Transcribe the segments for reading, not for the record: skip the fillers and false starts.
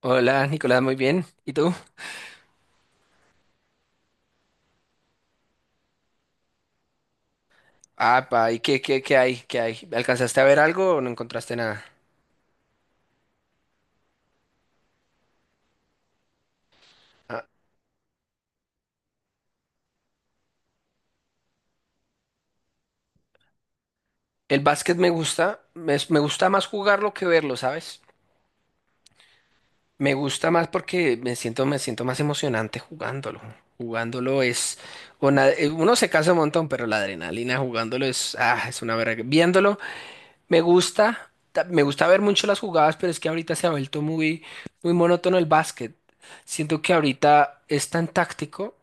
Hola, Nicolás, muy bien. ¿Y tú? Apa, ¿y qué hay? ¿Qué hay? ¿Alcanzaste a ver algo o no encontraste nada? Ah, el básquet me gusta, me gusta más jugarlo que verlo, ¿sabes? Me gusta más porque me siento más emocionante jugándolo. Jugándolo es, uno se cansa un montón, pero la adrenalina jugándolo es, es una verga. Viéndolo, me gusta, me gusta ver mucho las jugadas, pero es que ahorita se ha vuelto muy monótono el básquet. Siento que ahorita es tan táctico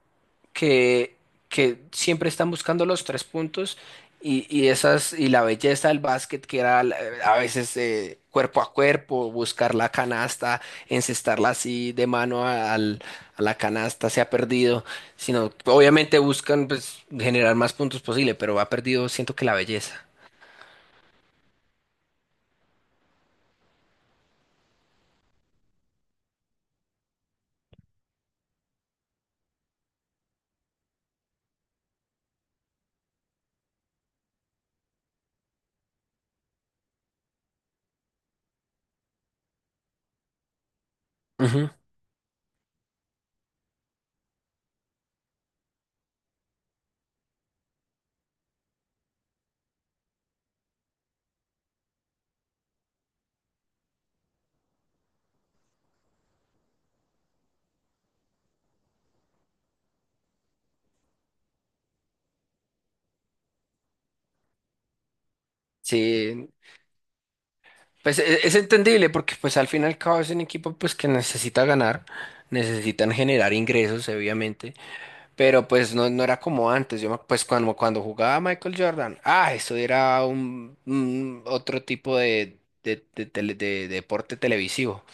que, que siempre están buscando los tres puntos y esas y la belleza del básquet que era a veces cuerpo a cuerpo, buscar la canasta, encestarla así de mano a la canasta se ha perdido, sino obviamente buscan pues, generar más puntos posible, pero ha perdido siento que la belleza. Ujú. Sí, pues es entendible porque pues al fin y al cabo es un equipo pues que necesita ganar, necesitan generar ingresos obviamente, pero pues no, no era como antes, pues cuando jugaba Michael Jordan, eso era un otro tipo de, de deporte televisivo.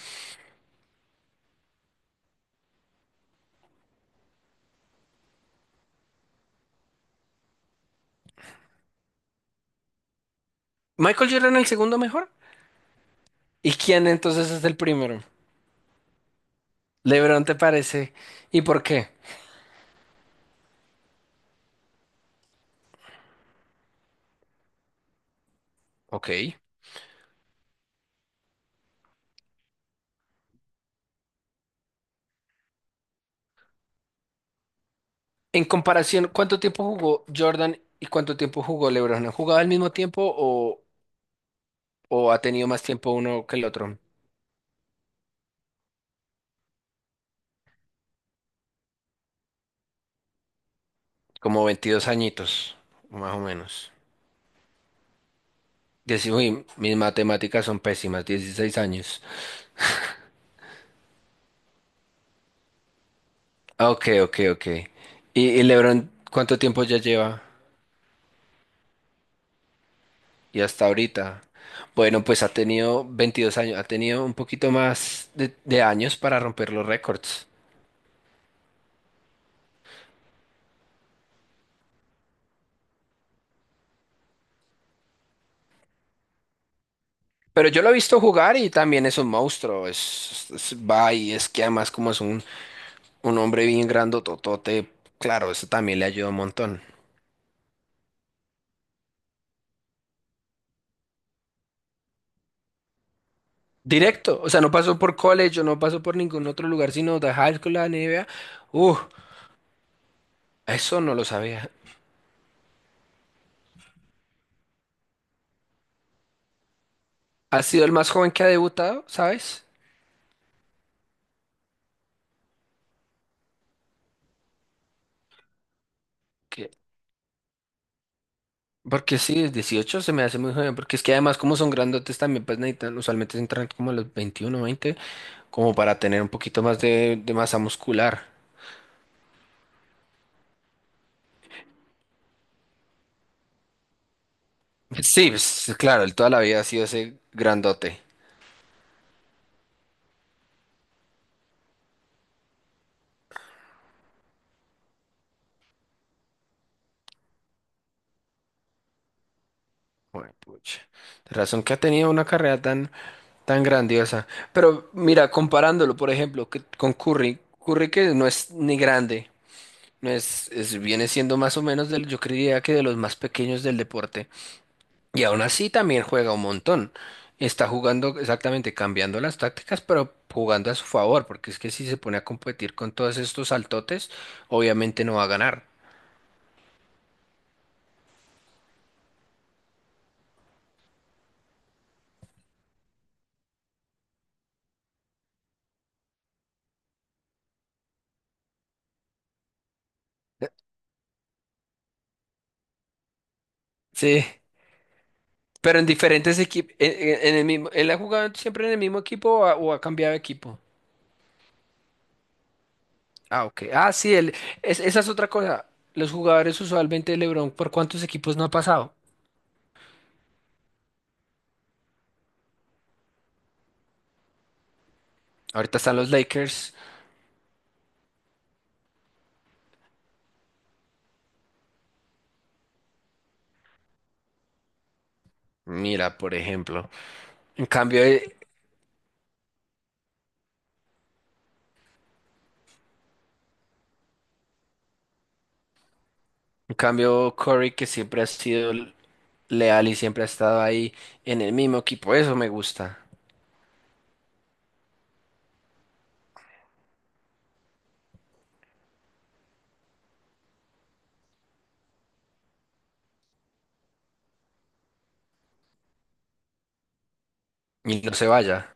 ¿Michael Jordan el segundo mejor, y quién entonces es el primero? ¿LeBron te parece, y por qué? Ok. En comparación, ¿cuánto tiempo jugó Jordan y cuánto tiempo jugó LeBron? ¿Han jugado al mismo tiempo o ha tenido más tiempo uno que el otro? Como 22 añitos, más o menos. Uy, mis matemáticas son pésimas, 16 años. Ah, ok, ok, ok. ¿Y LeBron cuánto tiempo ya lleva? Y hasta ahorita. Bueno, pues ha tenido 22 años, ha tenido un poquito más de años para romper los récords. Pero yo lo he visto jugar y también es un monstruo. Va y es que además como es un hombre bien grandototote, claro, eso también le ayuda un montón. Directo, o sea, no pasó por college o no pasó por ningún otro lugar, sino de high school a NBA. Uh, eso no lo sabía. Ha sido el más joven que ha debutado, ¿sabes? Que, porque sí, es 18 se me hace muy joven, porque es que además como son grandotes también, pues necesitan, usualmente se entran como a los 21, 20, como para tener un poquito más de masa muscular. Sí, pues, sí, claro, él toda la vida ha sido ese grandote. Joder, pucha. De razón que ha tenido una carrera tan tan grandiosa. Pero mira, comparándolo, por ejemplo, con Curry, Curry que no es ni grande, no es, es- viene siendo más o menos del, yo creería que de los más pequeños del deporte. Y aún así también juega un montón. Está jugando exactamente, cambiando las tácticas, pero jugando a su favor, porque es que si se pone a competir con todos estos saltotes, obviamente no va a ganar. Sí, pero en diferentes equipos, en el mismo, él ha jugado siempre en el mismo equipo o ha cambiado de equipo. Ah, ok. Ah, sí, esa es otra cosa. Los jugadores usualmente de LeBron, ¿por cuántos equipos no ha pasado? Ahorita están los Lakers. Mira, por ejemplo. En cambio, eh, en cambio Curry, que siempre ha sido leal y siempre ha estado ahí en el mismo equipo. Eso me gusta. Y no se vaya.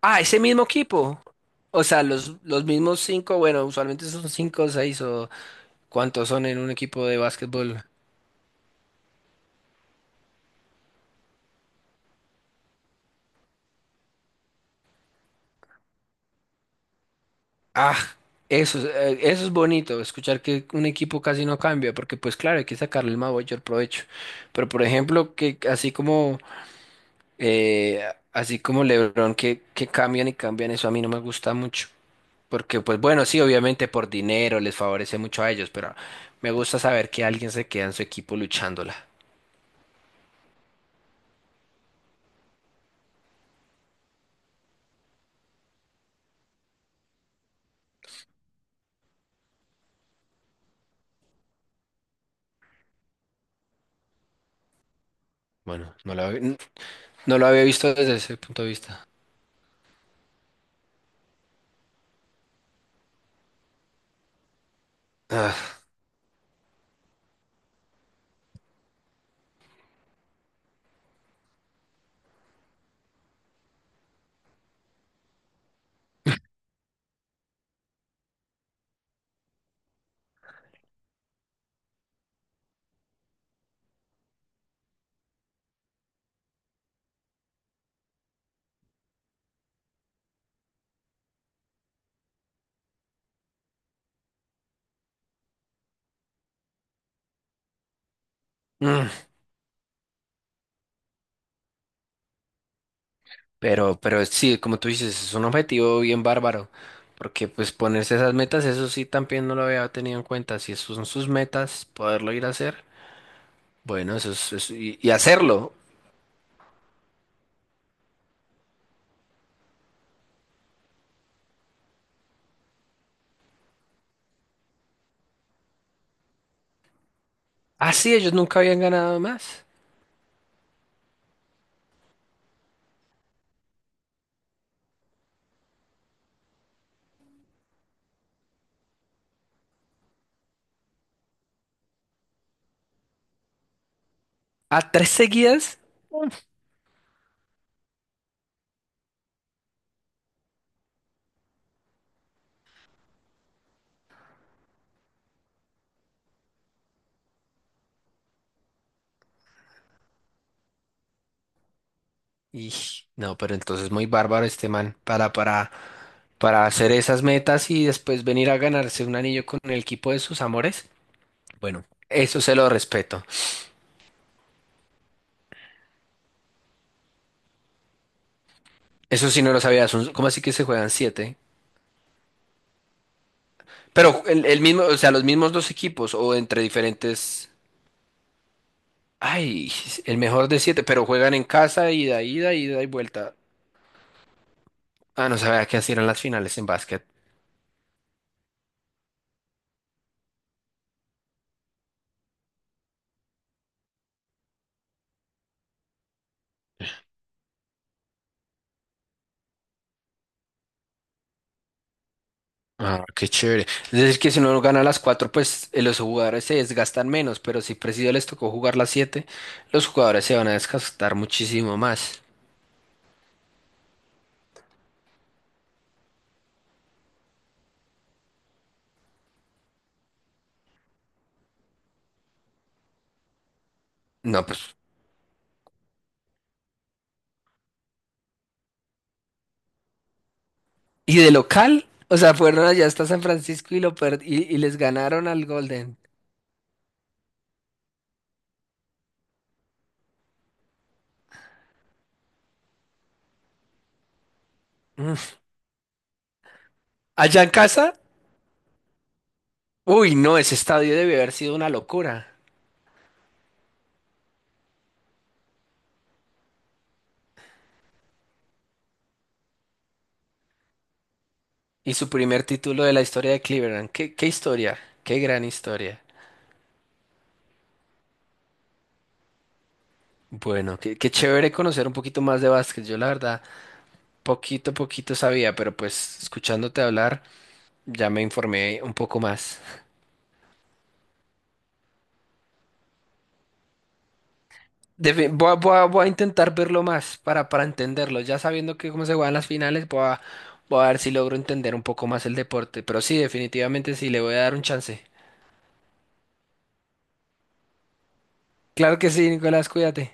Ah, ese mismo equipo. O sea, los mismos cinco, bueno, usualmente son cinco o seis o cuántos son en un equipo de básquetbol. Ah, eso, eso es bonito, escuchar que un equipo casi no cambia, porque pues claro, hay que sacarle el mayor provecho. Pero por ejemplo, que eh, así como LeBron que cambian y cambian, eso a mí no me gusta mucho. Porque pues bueno, sí, obviamente por dinero les favorece mucho a ellos, pero me gusta saber que alguien se queda en su equipo luchándola. Bueno, no lo había visto desde ese punto de vista. Ah, mm. Pero sí, como tú dices, es un objetivo bien bárbaro, porque pues ponerse esas metas, eso sí también no lo había tenido en cuenta. Si son sus metas, poderlo ir a hacer, bueno, y hacerlo. Ah, sí, ellos nunca habían ganado más. ¿A tres seguidas? Y no, pero entonces muy bárbaro este man para hacer esas metas y después venir a ganarse un anillo con el equipo de sus amores. Bueno, eso se lo respeto. Eso sí no lo sabía. ¿Cómo así que se juegan siete? Pero el mismo, o sea, los mismos dos equipos o entre diferentes. Ay, el mejor de siete, pero juegan en casa, ida, ida, ida y vuelta. Ah, no sabía que así eran las finales en básquet. Ah, qué chévere. Es decir, que si uno gana las cuatro, pues los jugadores se desgastan menos, pero si Presidio les tocó jugar las siete, los jugadores se van a desgastar muchísimo más. No, pues. ¿Y de local? O sea, fueron allá hasta San Francisco y lo y les ganaron al Golden. Mm. Allá en casa. Uy, no, ese estadio debe haber sido una locura. Y su primer título de la historia de Cleveland. ¿Qué historia? Qué gran historia. Bueno, qué chévere conocer un poquito más de básquet. Yo la verdad, poquito a poquito sabía, pero pues escuchándote hablar, ya me informé un poco más. Voy a, voy a intentar verlo más para entenderlo. Ya sabiendo que cómo se juegan las finales, voy a, voy a ver si logro entender un poco más el deporte. Pero sí, definitivamente sí, le voy a dar un chance. Claro que sí, Nicolás, cuídate.